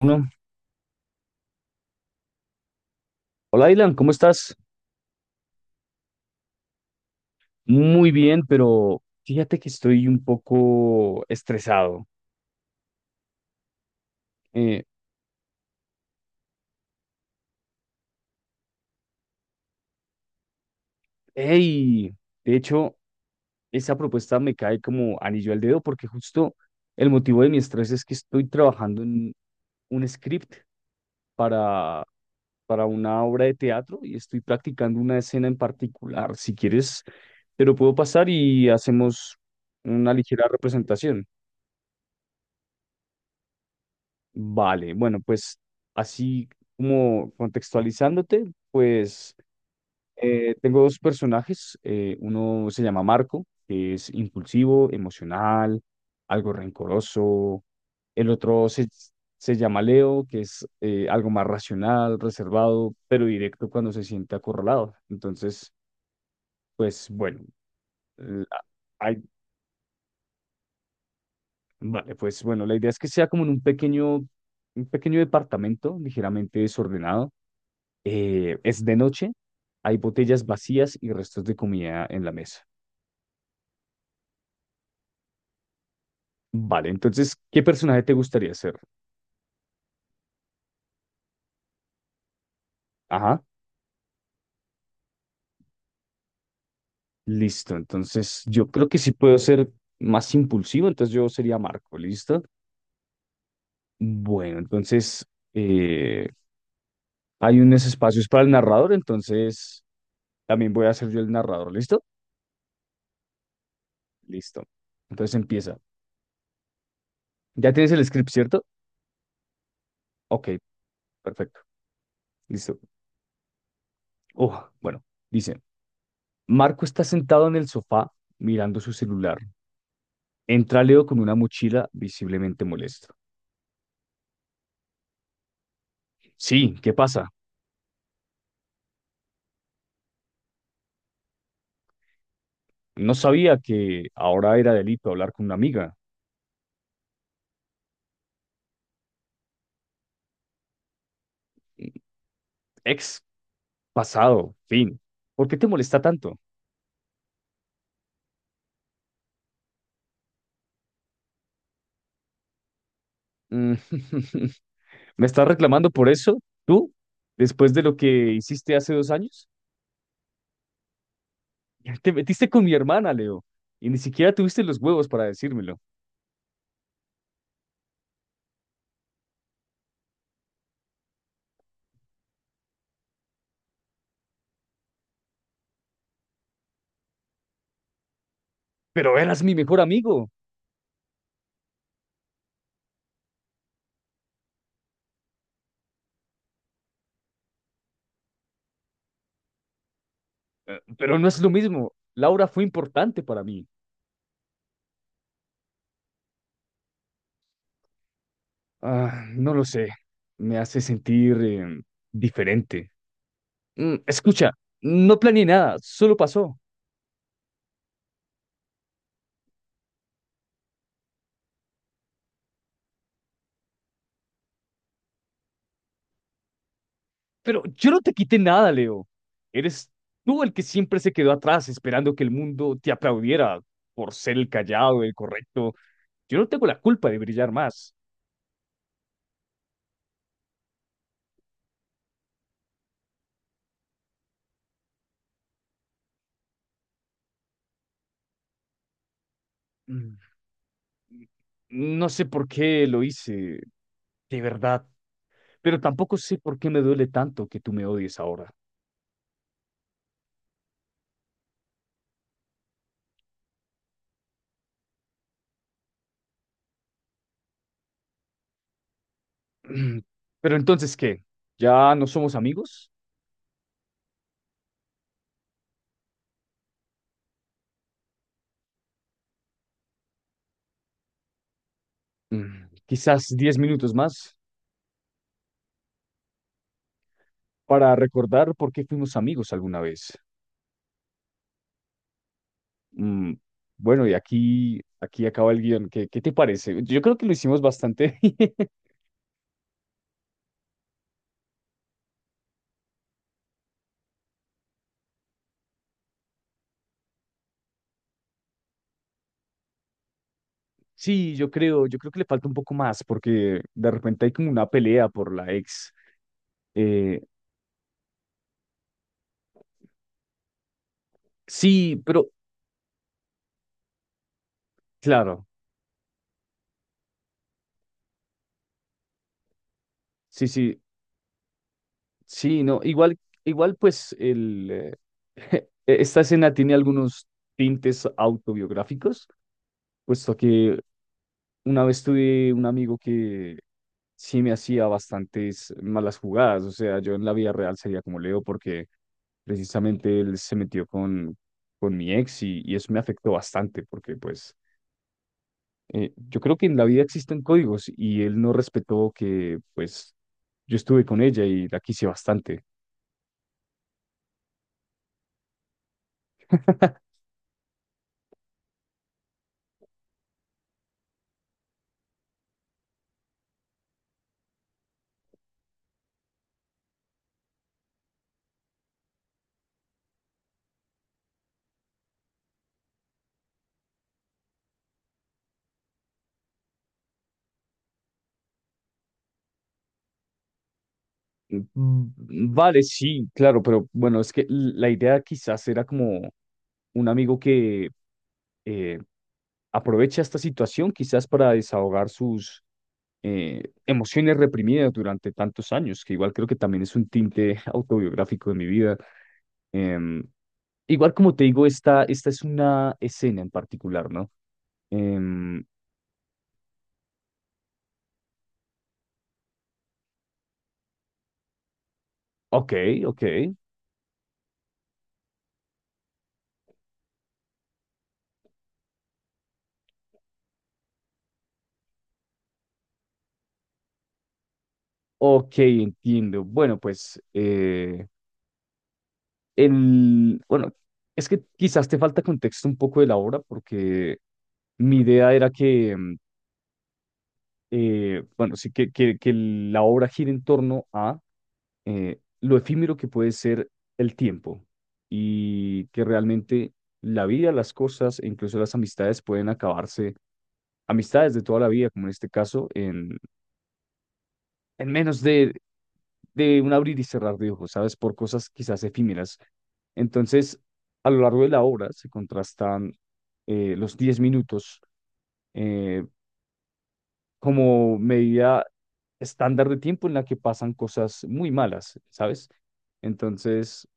Uno. Hola, Ilan, ¿cómo estás? Muy bien, pero fíjate que estoy un poco estresado. Eh, hey, de hecho, esa propuesta me cae como anillo al dedo porque justo el motivo de mi estrés es que estoy trabajando en un script para, para una obra de teatro y estoy practicando una escena en particular. Si quieres, te lo puedo pasar y hacemos una ligera representación. Vale, bueno, pues así como contextualizándote, pues tengo dos personajes. Uno se llama Marco, que es impulsivo, emocional, algo rencoroso. El otro se llama Leo, que es algo más racional, reservado, pero directo cuando se siente acorralado. Entonces, pues bueno, la- hay- vale, pues bueno, la idea es que sea como en un pequeño departamento ligeramente desordenado. Es de noche, hay botellas vacías y restos de comida en la mesa. Vale, entonces, ¿qué personaje te gustaría ser? Ajá, listo. Entonces, yo creo que sí puedo ser más impulsivo, entonces yo sería Marco, ¿listo? Bueno, entonces, eh, hay unos espacios para el narrador, entonces también voy a ser yo el narrador, ¿listo? Listo. Entonces empieza. ¿Ya tienes el script, cierto? Ok, perfecto. Listo. Oh, bueno, dice. Marco está sentado en el sofá mirando su celular. Entra Leo con una mochila visiblemente molesto. Sí, ¿qué pasa? No sabía que ahora era delito hablar con una amiga. Ex, pasado, fin. ¿Por qué te molesta tanto? Mm, ¿Me estás reclamando por eso? ¿Tú? ¿Después de lo que hiciste hace 2 años? Te metiste con mi hermana, Leo, y ni siquiera tuviste los huevos para decírmelo. Pero eras mi mejor amigo. Pero no es lo mismo. Laura fue importante para mí. Ah, no lo sé. Me hace sentir diferente. Escucha, no planeé nada, solo pasó. Pero yo no te quité nada, Leo. Eres tú el que siempre se quedó atrás esperando que el mundo te aplaudiera por ser el callado, el correcto. Yo no tengo la culpa de brillar más. Mm, No sé por qué lo hice, de verdad. Pero tampoco sé por qué me duele tanto que tú me odies ahora. Mm, Pero entonces, ¿qué? ¿Ya no somos amigos? Quizás 10 minutos más para recordar por qué fuimos amigos alguna vez. Mm, bueno, y aquí acaba el guión. ¿Qué te parece? Yo creo que lo hicimos bastante. Sí, yo creo que le falta un poco más porque de repente hay como una pelea por la ex. Eh, sí, pero claro, sí, sí, sí, no, igual, igual pues esta escena tiene algunos tintes autobiográficos, puesto que una vez tuve un amigo que sí me hacía bastantes malas jugadas. O sea, yo en la vida real sería como Leo porque precisamente él se metió con mi ex y eso me afectó bastante porque pues yo creo que en la vida existen códigos y él no respetó que pues yo estuve con ella y la quise bastante. Mm, vale, sí, claro, pero bueno, es que la idea quizás era como un amigo que eh, aprovecha esta situación quizás para desahogar sus emociones reprimidas durante tantos años, que igual creo que también es un tinte autobiográfico de mi vida. Em, Igual como te digo, esta es una escena en particular, ¿no? Em, ok, ok, ok, entiendo. Bueno, pues, bueno, es que quizás te falta contexto un poco de la obra, porque mi idea era que, bueno, sí, que la obra gira en torno a lo efímero que puede ser el tiempo y que realmente la vida, las cosas e incluso las amistades pueden acabarse, amistades de toda la vida, como en este caso, en menos de un abrir y cerrar de ojos, ¿sabes? Por cosas quizás efímeras. Entonces, a lo largo de la obra se contrastan los 10 minutos eh, como medida estándar de tiempo en la que pasan cosas muy malas, ¿sabes? Entonces,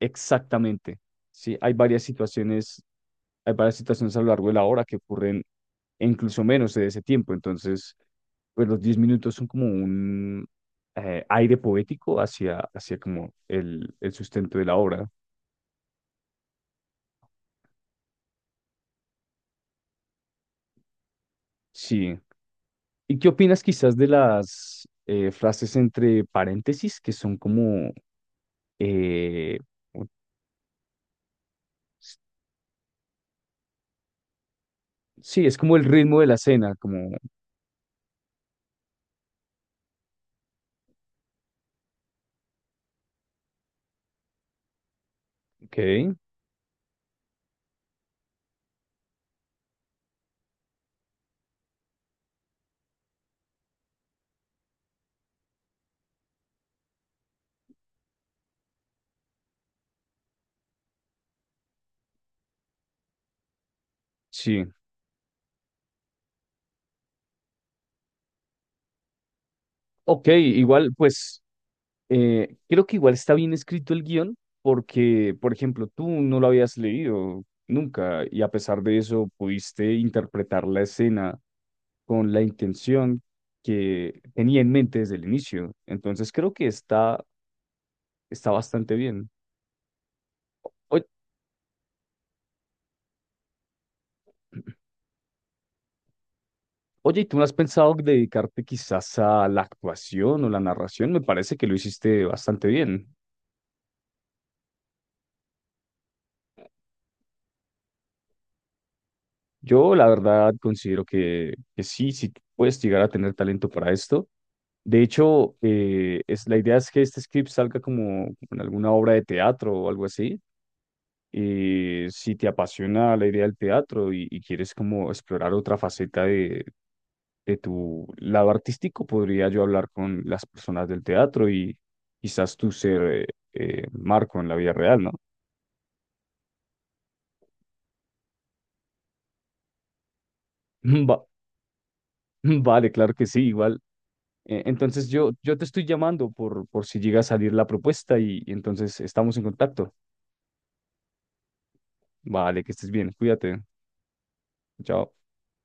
exactamente. Sí, hay varias situaciones a lo largo de la hora que ocurren e incluso menos de ese tiempo. Entonces, pues los 10 minutos son como un aire poético hacia como el sustento de la obra. Sí. ¿Y qué opinas quizás de las frases entre paréntesis que son como, eh, u- sí, es como el ritmo de la cena, como, ok, sí. Ok, igual, pues creo que igual está bien escrito el guión porque, por ejemplo, tú no lo habías leído nunca y a pesar de eso pudiste interpretar la escena con la intención que tenía en mente desde el inicio. Entonces creo que está bastante bien. Oye, oye, ¿y tú no has pensado dedicarte quizás a la actuación o la narración? Me parece que lo hiciste bastante bien. Yo la verdad considero que, sí, sí puedes llegar a tener talento para esto. De hecho, la idea es que este script salga como, en alguna obra de teatro o algo así. Y si te apasiona la idea del teatro y quieres como explorar otra faceta de tu lado artístico, podría yo hablar con las personas del teatro y quizás tú ser Marco en la vida real, ¿no? Va- vale, claro que sí, igual. Entonces yo te estoy llamando por si llega a salir la propuesta y entonces estamos en contacto. Vale, que estés bien, cuídate. Chao.